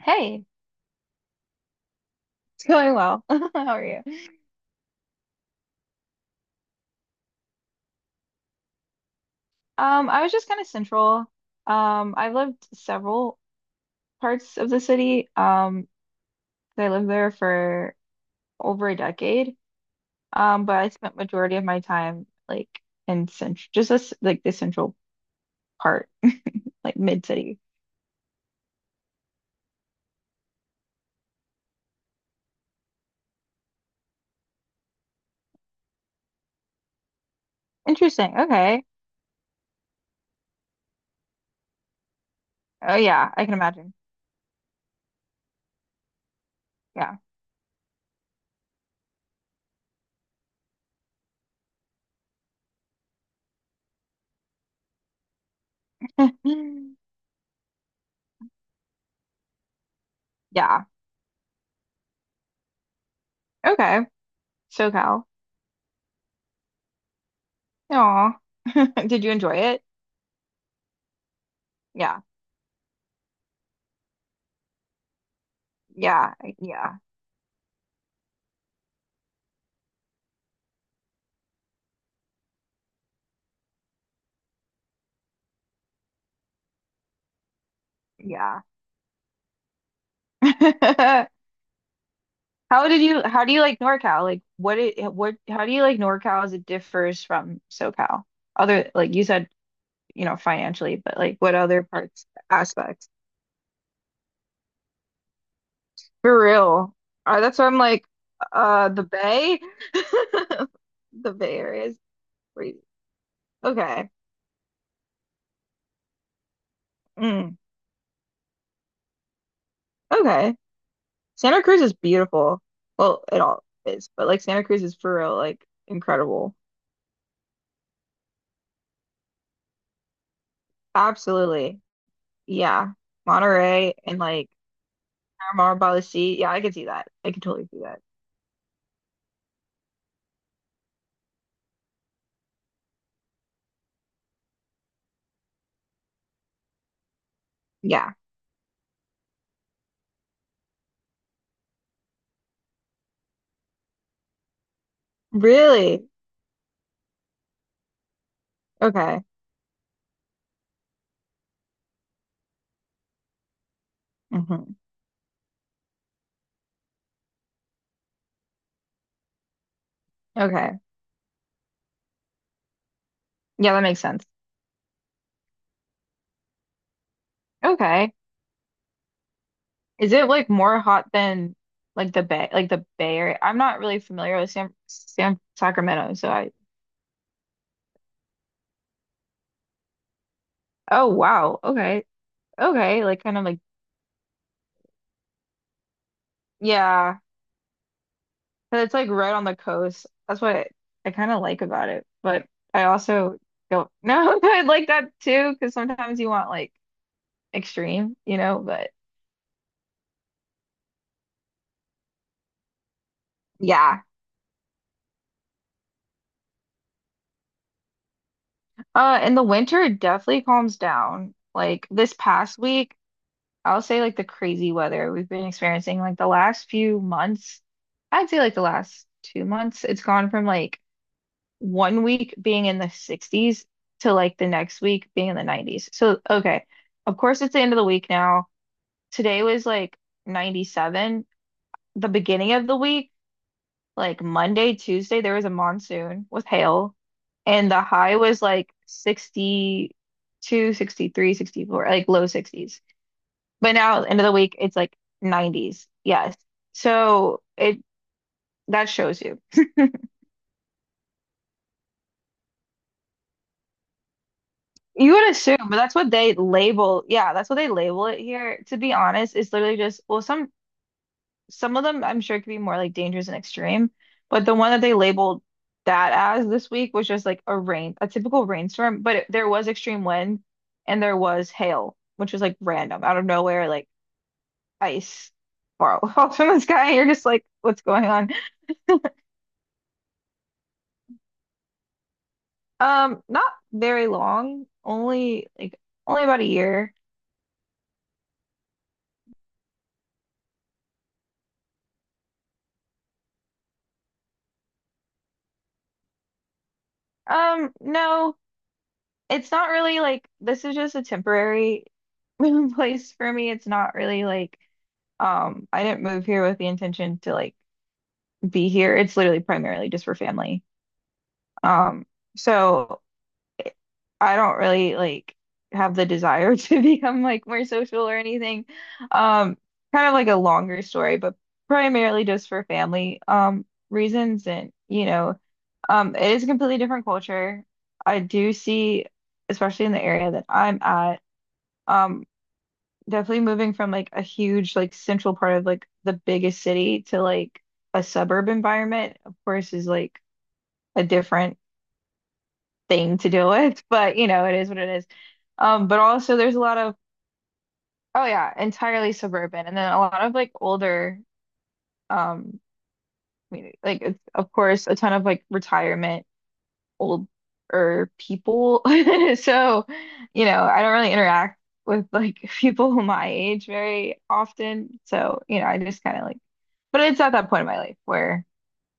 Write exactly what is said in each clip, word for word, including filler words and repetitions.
Hey, it's going well. How are you? Um, I was just kind of central. Um, I've lived several parts of the city. Um, I lived there for over a decade. Um, but I spent majority of my time like in central, just this, like the central part, like mid city. Interesting. Okay. Oh yeah, I can imagine. Yeah. Yeah. Okay. SoCal. Aw. Did you enjoy it? Yeah. Yeah. Yeah. Yeah. How did you how do you like NorCal? Like what it what how do you like NorCal as it differs from SoCal? Other like you said, you know, financially, but like what other parts aspects? For real. Uh, that's why I'm like uh the Bay. The Bay Area is crazy. Okay. Mm, okay. Santa Cruz is beautiful. Well, it all is, but like Santa Cruz is for real, like incredible. Absolutely. Yeah. Monterey and like Omar Balaci. Yeah, I could see that. I could totally see that. Yeah. Really? Okay. Hmm. Okay. Yeah, that makes sense. Okay. Is it like more hot than like the Bay, like the Bay Area? I'm not really familiar with San, San Sacramento, so I. Oh wow. Okay. Okay. Like kind of like yeah, but it's like right on the coast. That's what I, I kind of like about it. But I also don't know. I like that too because sometimes you want like extreme, you know. But yeah. Uh, in the winter, it definitely calms down. Like this past week, I'll say like the crazy weather we've been experiencing, like the last few months, I'd say like the last two months, it's gone from like one week being in the sixties to like the next week being in the nineties. So, okay, of course, it's the end of the week now. Today was like ninety-seven. The beginning of the week like Monday, Tuesday, there was a monsoon with hail, and the high was like sixty, two, sixty three, sixty four, like low sixties. But now, end of the week, it's like nineties. Yes. So it that shows you. You would assume, but that's what they label. Yeah, that's what they label it here. To be honest, it's literally just, well, some some of them I'm sure could be more like dangerous and extreme, but the one that they labeled that as this week was just like a rain, a typical rainstorm, but it, there was extreme wind and there was hail, which was like random out of nowhere, like ice far off in the sky. And you're just like, what's going on? Um, not very long, only like only about a year. Um, no, it's not really like this is just a temporary place for me. It's not really like. Um, I didn't move here with the intention to like be here. It's literally primarily just for family. Um, so I don't really like have the desire to become like more social or anything. Um, Kind of like a longer story, but primarily just for family um reasons and you know, um, it is a completely different culture. I do see, especially in the area that I'm at, um, definitely moving from like a huge like central part of like the biggest city to like a suburb environment, of course, is like a different thing to deal with, but you know, it is what it is. Um, but also there's a lot of oh yeah, entirely suburban and then a lot of like older um community. Like it's of course a ton of like retirement older people. So, you know, I don't really interact with like people my age very often. So, you know, I just kind of like. But it's at that point in my life where,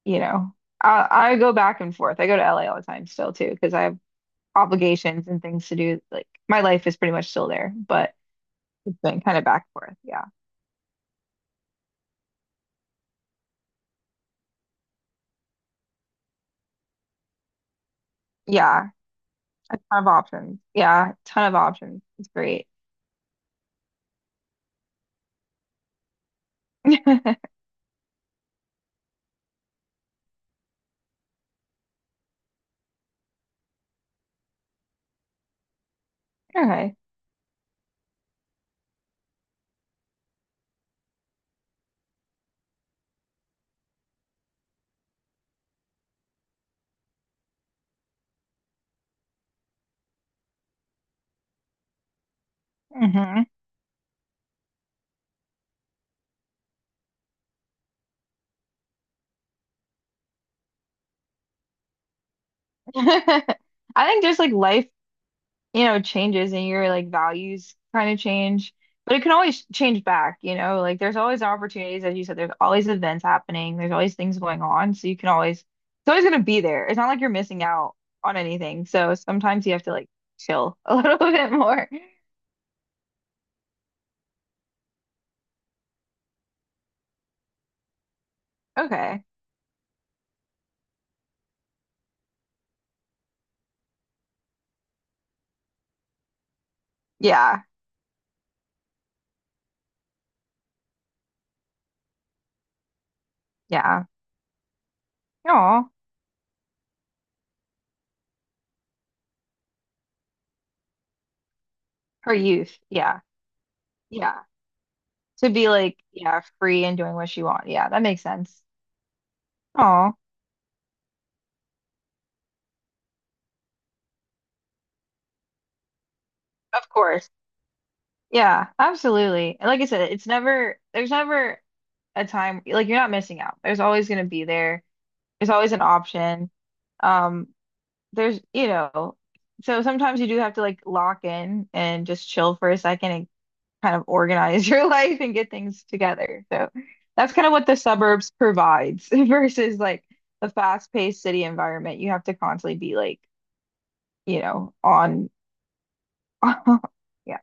you know, I, I go back and forth. I go to L A all the time still too, because I have obligations and things to do. Like my life is pretty much still there, but it's been kind of back and forth. Yeah. Yeah. A ton of options. Yeah. Ton of options. It's great. Okay. Hmm. I think just like life you know, changes and your like values kind of change, but it can always change back, you know, like there's always opportunities, as you said, there's always events happening, there's always things going on. So you can always, it's always going to be there. It's not like you're missing out on anything. So sometimes you have to like chill a little bit more. Okay. Yeah. Yeah. Oh, her youth. Yeah. Yeah. To be like, yeah, free and doing what you want. Yeah. That makes sense. Oh, of course. Yeah, absolutely. And like I said, it's never, there's never a time like you're not missing out. There's always going to be there. There's always an option. Um, there's, you know, so sometimes you do have to like lock in and just chill for a second and kind of organize your life and get things together. So that's kind of what the suburbs provides versus like the fast-paced city environment. You have to constantly be like, you know, on yeah.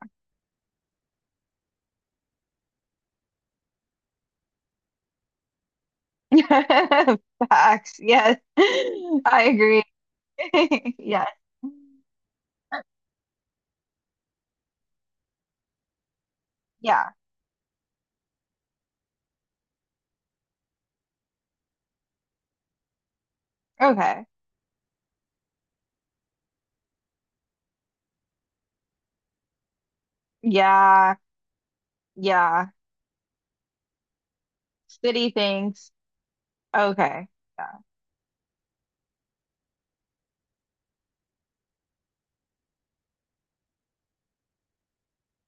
Facts. Yes. I agree. Yes. Yeah. Okay. Yeah, yeah. City things. Okay. Yeah.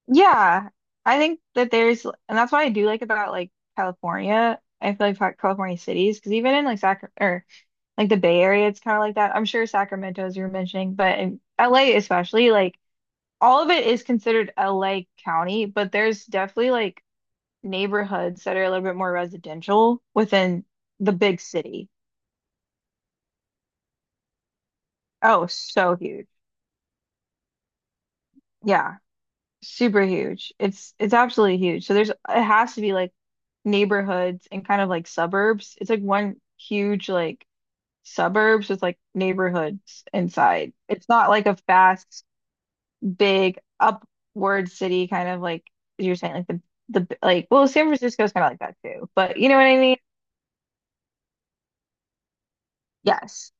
Yeah. I think that there's, and that's what I do like about like California. I feel like Fa- California cities, because even in like Sac or like the Bay Area, it's kind of like that. I'm sure Sacramento, as you were mentioning, but in L A especially, like all of it is considered L A County, but there's definitely like neighborhoods that are a little bit more residential within the big city. Oh, so huge. Yeah. Super huge. It's it's absolutely huge. So there's it has to be like neighborhoods and kind of like suburbs. It's like one huge like suburbs with like neighborhoods inside. It's not like a fast, big upward city kind of like you're saying like the the like well San Francisco's kind of like that too. But you know what I mean? Yes.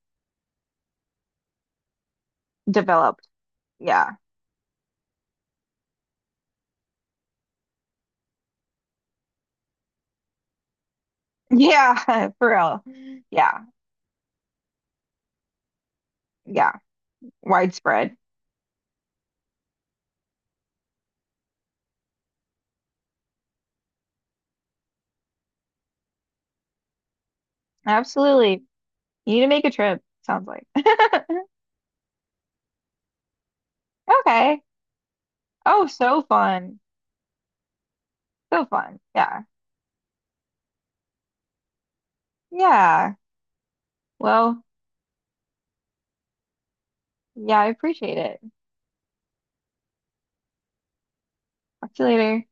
Developed. Yeah. Yeah, for real. Yeah. Yeah. Widespread. Absolutely. You need to make a trip, sounds like. Okay. Oh, so fun. So fun. Yeah. Yeah. Well, yeah, I appreciate it. Talk to you later.